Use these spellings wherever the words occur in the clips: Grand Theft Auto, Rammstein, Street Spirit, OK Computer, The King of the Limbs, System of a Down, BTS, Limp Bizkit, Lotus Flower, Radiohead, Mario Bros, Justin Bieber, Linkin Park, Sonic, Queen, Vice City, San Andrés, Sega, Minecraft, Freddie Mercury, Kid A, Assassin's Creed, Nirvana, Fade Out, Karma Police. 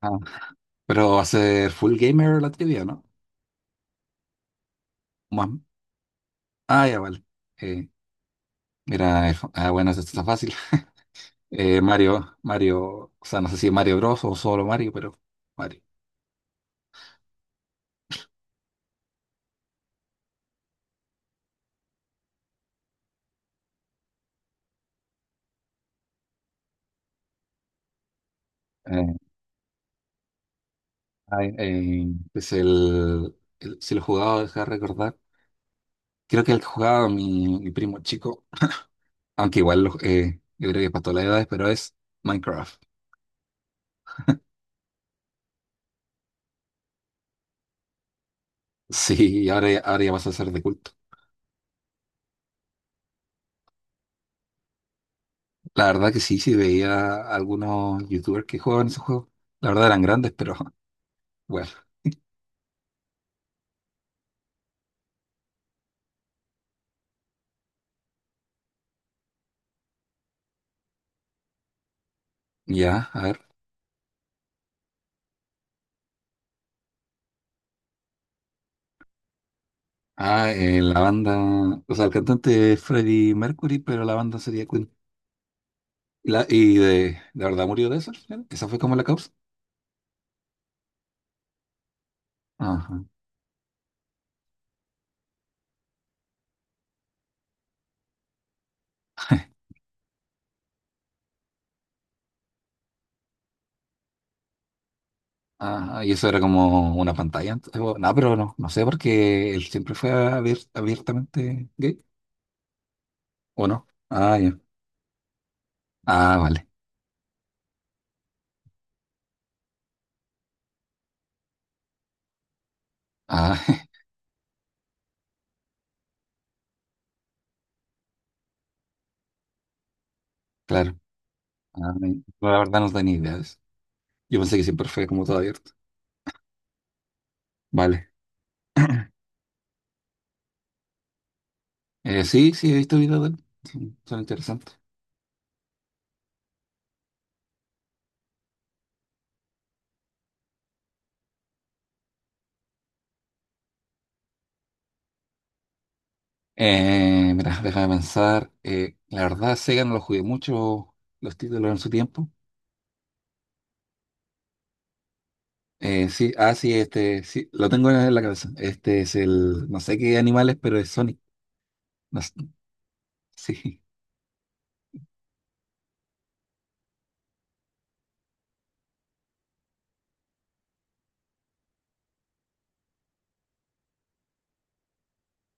Ah, pero va a ser full gamer la trivia, ¿no? Más- ah, ya vale. Eh, mira, bueno, esto está fácil. Mario, o sea, no sé si Mario Bros o solo Mario, pero Mario. Eh, ay, eh, es si lo jugaba, deja de recordar. Creo que el que jugaba mi primo chico, aunque yo creo que para todas las edades, pero es Minecraft. Sí, ahora, ahora ya vas a ser de culto. La verdad que sí, sí veía algunos youtubers que jugaban ese juego. La verdad eran grandes, pero bueno. Ya, a ver. La banda, o sea, el cantante es Freddie Mercury, pero la banda sería Queen. ¿Y, de verdad murió de eso al final? ¿Esa fue como la causa? Ajá. Ajá, y eso era como una pantalla antes, o- no, pero no, no sé, porque él siempre fue abiertamente gay, ¿o no? Ah, ya. Ah, vale. Ah, claro. Ah, no, la verdad no tenía ideas. Yo pensé que siempre fue como todo abierto. Vale. Sí, sí, he visto videos de él. Son, son interesantes. Mira, déjame pensar. La verdad, Sega no lo jugué mucho los títulos en su tiempo. Lo tengo en la cabeza. Este es el, no sé qué animales, pero es Sonic. No s- sí,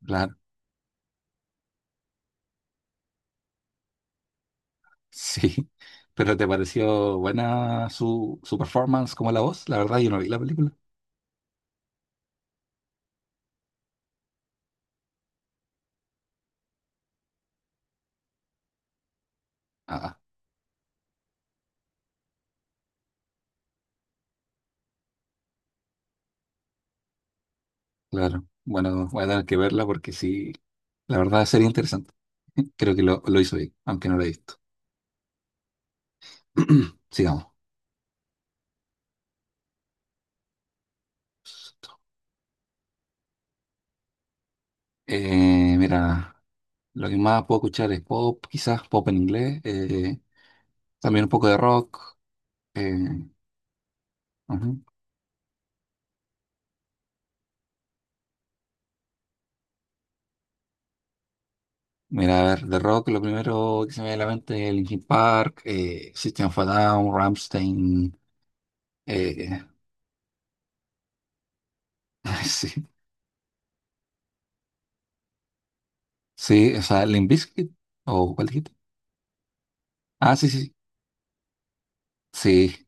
claro, sí. Pero ¿te pareció buena su performance como la voz? La verdad, yo no vi la película. Ah, claro. Bueno, voy a tener que verla porque sí, la verdad sería interesante. Creo que lo hizo bien, aunque no lo he visto. Sigamos. Mira. Lo que más puedo escuchar es pop, quizás pop en inglés, también un poco de rock. eh, ujú. Mira, a ver, de rock lo primero que se me viene a la mente es Linkin Park, System of a Down, Rammstein. eh, sí, sí, o sea, Limp Bizkit, ¿o cuál dijiste? Ah, sí, sí, sí,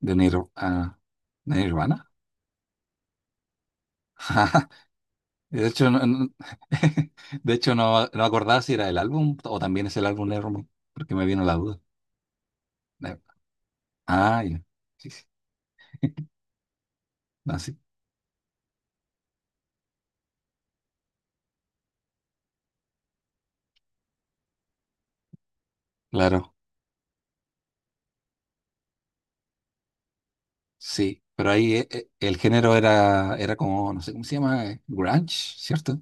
de, Nir- ah, de Nirvana. De hecho, de hecho no, no acordaba si era el álbum o también es el álbum de Nirvana, porque me vino la duda. Eh, Ah, ya. Sí, sí. Así, claro, sí. Pero ahí el género era, era como, no sé cómo se llama, grunge, ¿cierto?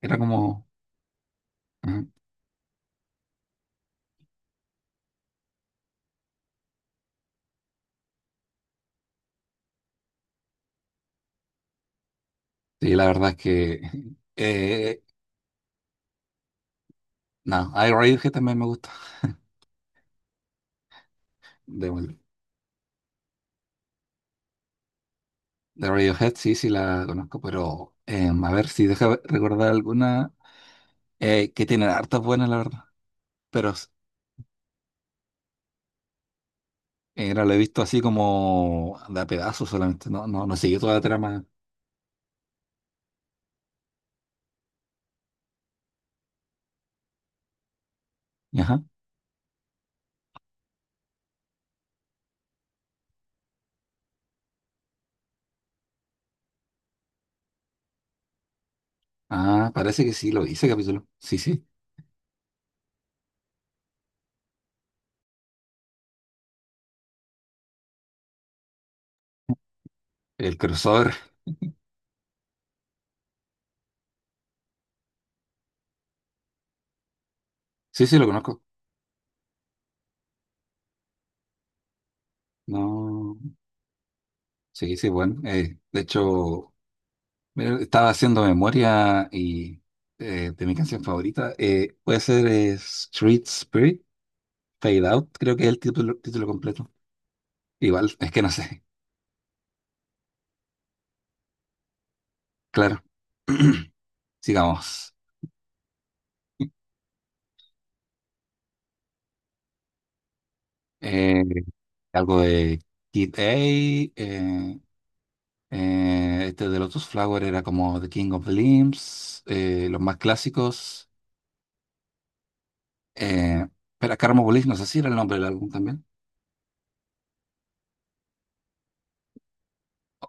Era como... ujú. Sí, la verdad es que... eh, no, hay Radiohead también me gusta. De, vuelta. De Radiohead sí, sí la conozco, pero em, a ver si deja recordar alguna que tiene hartas buenas, la verdad. Pero era, lo he visto así como de a pedazos solamente, no, no, no siguió toda la trama. Ajá. Ah, parece que sí, lo hice capítulo. Sí, sí, el crossover. Sí, sí, lo conozco. No, sí, sí, bueno. De hecho, mira, estaba haciendo memoria y de mi canción favorita. Puede ser Street Spirit, Fade Out, creo que es el título, título completo. Igual, es que no sé. Claro. Sigamos. Eh, algo de Kid A. Este de Lotus Flower era como The King of the Limbs. Los más clásicos. Eh, pero Karma Police, no sé si era el nombre del álbum también.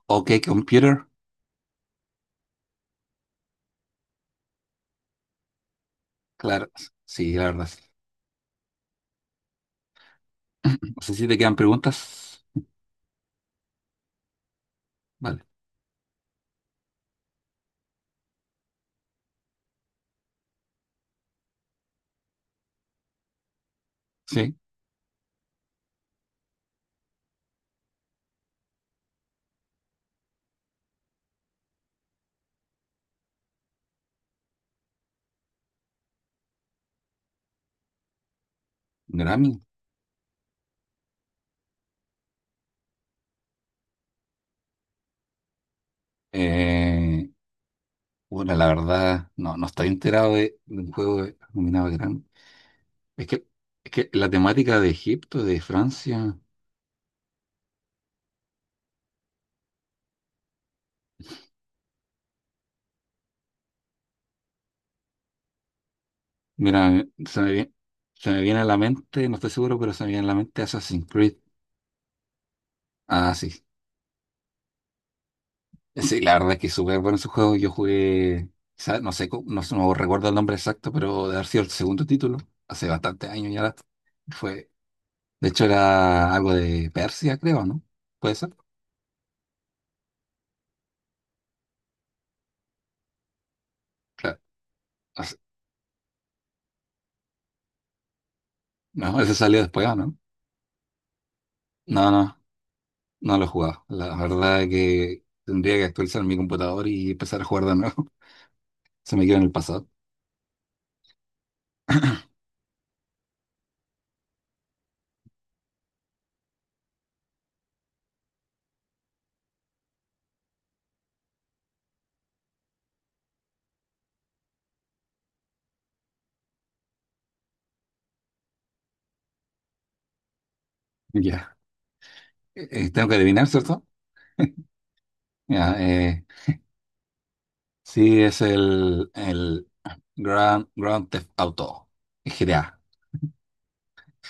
OK Computer. Claro, sí, la verdad. Sí. No sé si te quedan preguntas. Vale, sí, Grammy. Eh, bueno, la verdad, no, no estoy enterado de un juego nominado a Grammy. Es que, es que la temática de Egipto, de Francia, mira, se me viene, se me viene a la mente, no estoy seguro, pero se me viene a la mente Assassin's Creed. Ah, sí. Sí, la verdad es que es súper bueno su juego. Yo jugué, quizá- no sé, cómo- no, no recuerdo el nombre exacto, pero de haber sido el segundo título, hace bastantes años ya. Fue, de hecho, era algo de Persia, creo, ¿no? ¿Puede ser? Claro. No, no, ese salió después, ¿o no? No, no, no lo he jugado. La verdad es que tendría que actualizar mi computador y empezar a jugar de nuevo. Se me quedó en el pasado. Ya. Tengo que adivinar, ¿cierto? Ya, sí, es el Grand, Grand Theft Auto. GTA.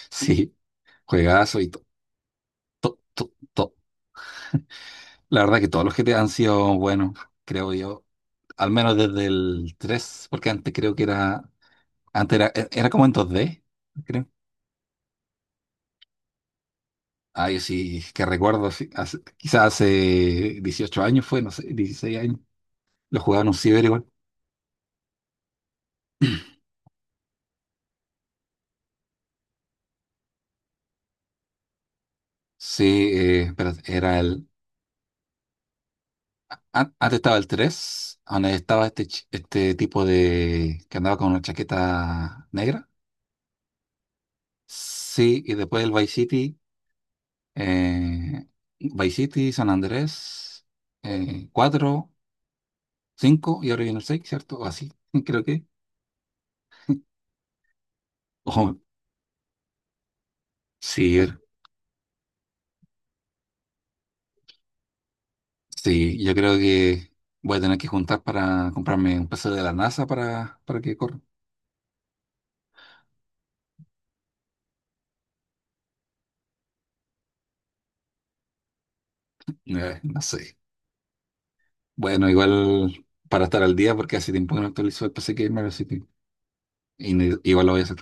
Sí, juegazo y todo. La verdad que todos los GTA han sido buenos, creo yo. Al menos desde el 3, porque antes creo que era. Antes era, e, era como en dos d creo. Ay, sí, que recuerdo, sí, hace- quizás hace 18 años fue, no sé, 16 años. Lo jugaba en un ciber igual. Sí, pero era el... Antes estaba el tres, donde estaba este, este tipo de... que andaba con una chaqueta negra. Sí, y después el Vice City, eh, Vice City, San Andrés, 4, 5, y ahora viene el 6, ¿cierto? O así, creo que. Ojo, sí, sí, yo creo que voy a tener que juntar para comprarme un PC de la NASA para que corra. No sé. Bueno, igual para estar al día, porque hace tiempo que no actualizo el PC Gamer, así que igual lo voy a hacer.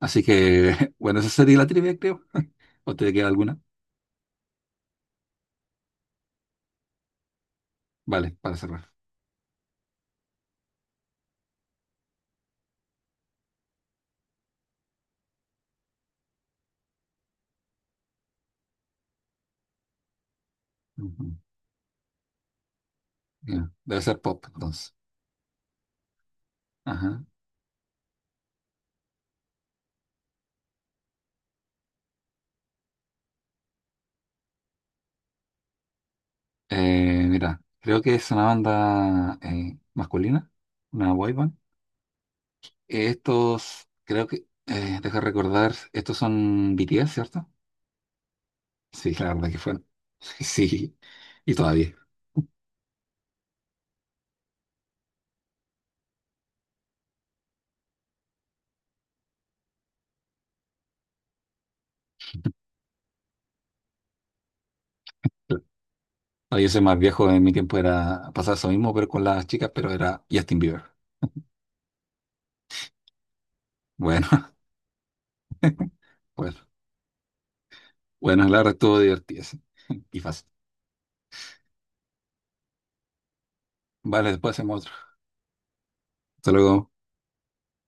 Así que, bueno, esa sería la trivia, creo. ¿O te queda alguna? Vale, para cerrar. Ujú. Ya, debe ser pop, entonces. Ajá. Mira, creo que es una banda masculina, una boy band. Estos, creo que, deja recordar, estos son BTS, ¿cierto? Sí, la verdad que fue. Sí, y todavía. No, yo soy más viejo, en mi tiempo era pasar eso mismo, pero con las chicas, pero era Justin Bieber. Bueno, bueno, bueno, la verdad estuvo divertido sí. y fácil. Vale, después hacemos otro. Hasta luego.